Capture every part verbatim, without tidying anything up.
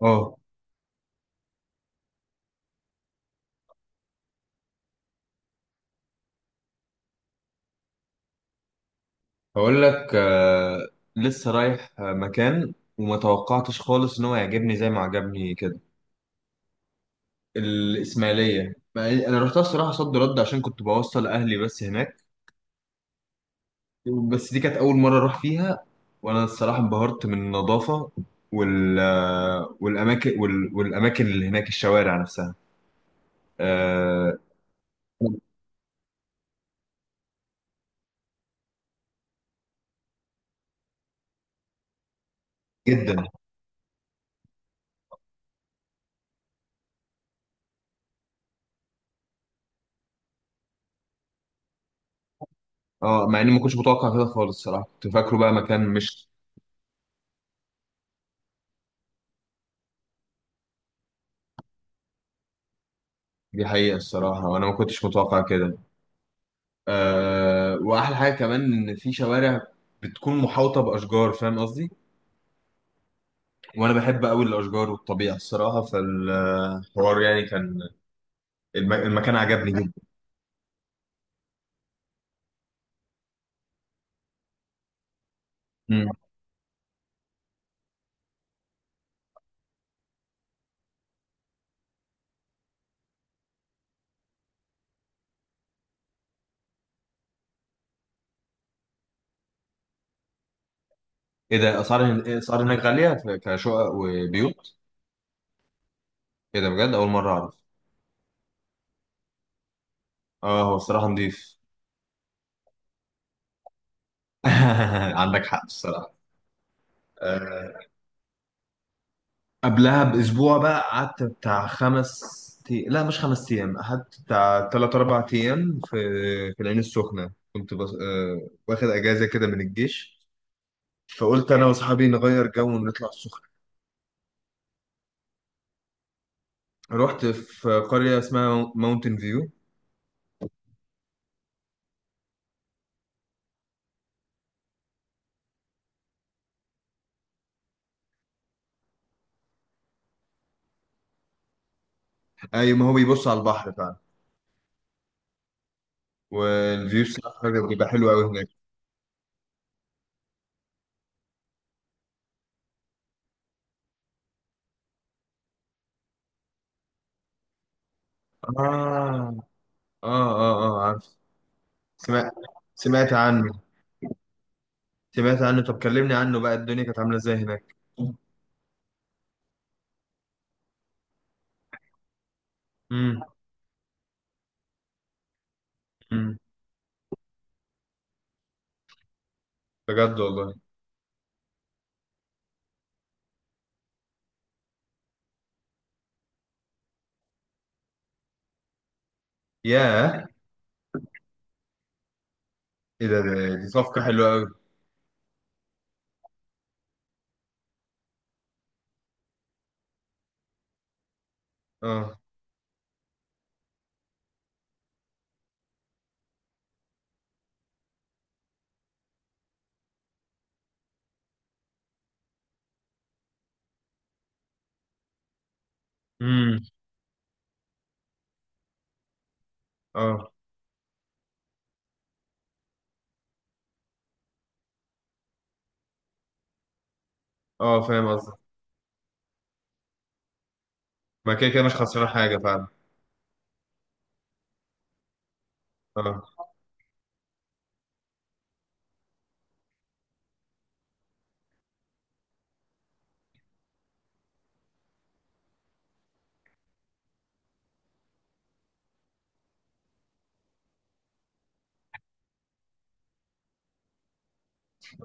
اه. هقول لك، آه، لسه رايح آه، مكان وما توقعتش خالص ان هو يعجبني زي ما عجبني كده. الاسماعيليه، مع إن انا رحتها الصراحه صد رد عشان كنت بوصل اهلي بس هناك. بس دي كانت اول مره اروح فيها، وانا الصراحه انبهرت من النظافه وال آه، والاماكن وال... والاماكن اللي هناك، الشوارع نفسها. آه، جدا. اه، مع اني ما كنتش متوقع كده خالص الصراحه، كنت فاكره بقى مكان مش... دي حقيقه الصراحه، وانا ما كنتش متوقع كده. آه، واحلى حاجه كمان ان في شوارع بتكون محاوطه باشجار، فاهم قصدي. وانا بحب قوي الاشجار والطبيعه الصراحه، فالحوار يعني كان... الم- المكان عجبني جدا. مم. ايه ده، اسعار هن- إيه اسعار هناك غاليه في- كشقق وبيوت؟ ايه ده بجد، اول مره اعرف. اه، هو الصراحه نضيف. عندك حق الصراحه. آه، قبلها باسبوع بقى، قعدت بتاع خمس تي... لا مش خمس ايام، قعدت بتاع تلات اربع ايام في في العين السخنه. كنت بس... آه، واخد اجازه كده من الجيش، فقلت انا واصحابي نغير جو ونطلع السخنه. رحت في قريه اسمها ماونتن فيو. اي، ما هو بيبص على البحر فعلا. والفيو بصراحه بيبقى حلو قوي هناك. اه، اه، اه، اه، عارف. سمعت، سمعت عنه. سمعت عنه. طب كلمني عنه بقى، الدنيا كانت عامله ازاي هناك؟ امم. امم، بجد والله. ياه ايه ده، ده- دي صفقة حلوة قوي. اه. امم. اه، اه، فاهم قصدك. ما كده كده مش خسران حاجة فعلا. اه،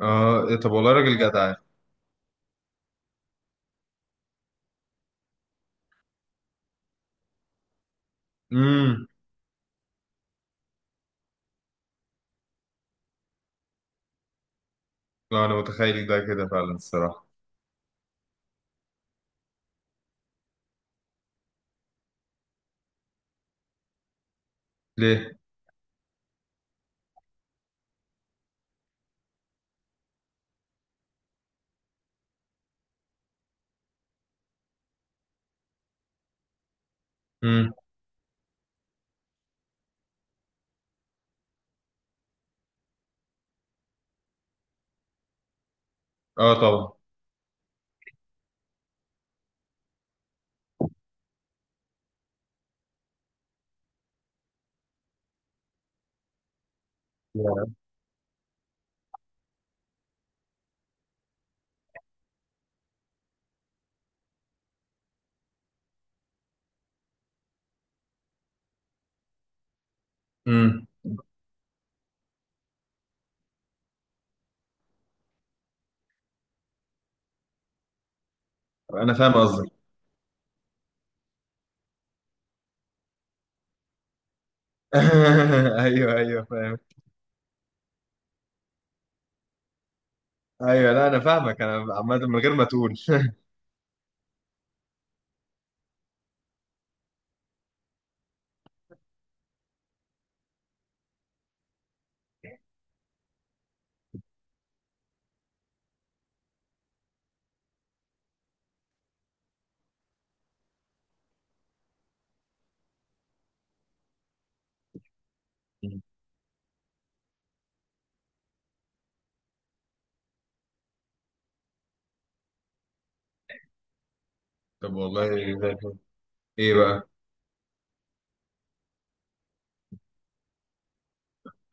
اه، إيه طب والله راجل جدع. امم. لا انا متخيل ده كده فعلا الصراحة. ليه؟ امم. اه طبعا. امم. انا فاهم قصدك. ايوه، ايوه، فاهم. ايوه، لا انا فاهمك، انا عامة من غير ما تقول. مم. طب والله. زي الفل. ايه بقى؟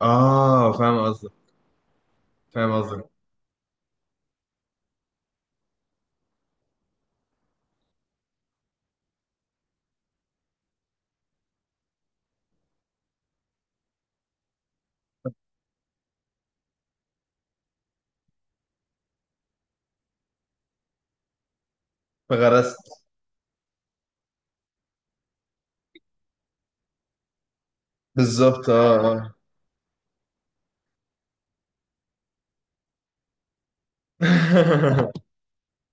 اه، فاهم قصدك. فاهم قصدك. فغرست. بالظبط، اه، اه.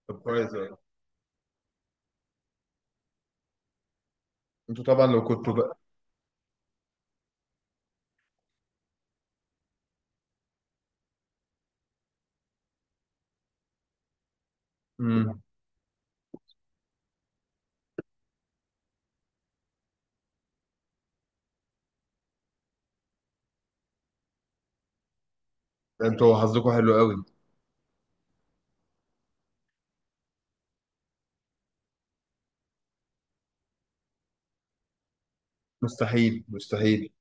طب كويس أوي. انتوا طبعا لو كنتوا بقى... امم. انتوا حظكم حلو قوي. مستحيل، مستحيل.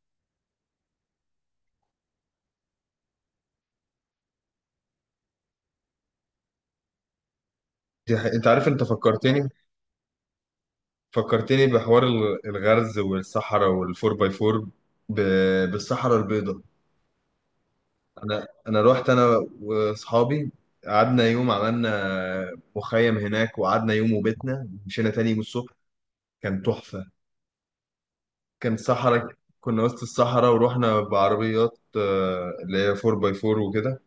دي حقيقة. انت عارف، انت فكرتني. فكرتني بحوار ال- الغرز والصحراء والفور باي فور. ب... بالصحراء البيضاء. انا انا رحت انا واصحابي. قعدنا يوم، عملنا مخيم هناك، وقعدنا يوم وبيتنا، مشينا تاني يوم الصبح. كان تحفة. كان صحراء. كنا وسط الصحراء ورحنا بعربيات آه، اللي هي فور باي فور وكده.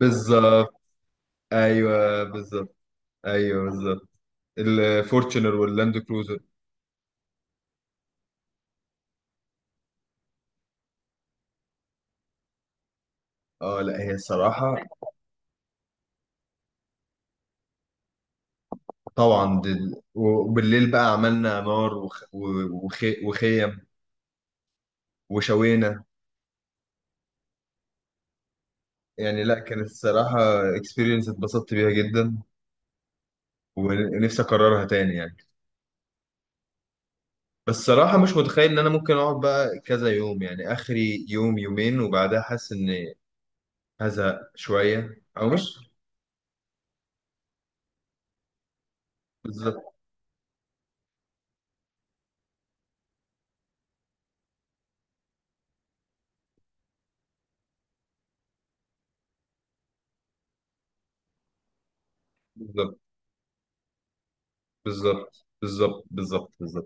بالظبط. ايوه بالظبط. ايوه بالظبط. الفورتشنر واللاند كروزر. اه، لا، هي الصراحه... طبعا دل... وبالليل بقى عملنا نار وخ... وخ... وخيم وشوينا. يعني لا، كانت الصراحه اكسبيرينس اتبسطت بيها جدا، ونفسي اكررها تاني يعني. بس الصراحه مش متخيل ان انا ممكن اقعد بقى كذا يوم، يعني اخري يوم يومين وبعدها حاسس ان... هزهق شويه، او مش... بالظبط، بالظبط، بالظبط. بالظبط، بالظبط، بالظبط.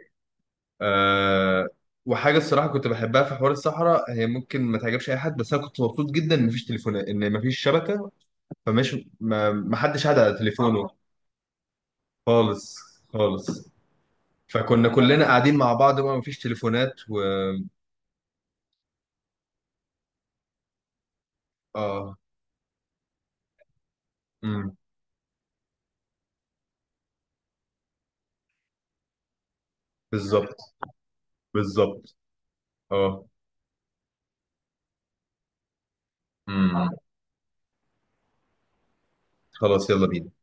أه. وحاجه الصراحه كنت بحبها في حوار الصحراء، هي ممكن ما تعجبش اي حد، بس انا كنت مبسوط جدا ان مفيش تليفونات، ان مفيش شبكه. فمش ما ما حدش قاعد على تليفونه خالص. خالص. فكنا كلنا قاعدين مع بعض بقى، مفيش تليفونات و... اه. امم. بالظبط، بالظبط. اه. امم. خلاص يلا بينا.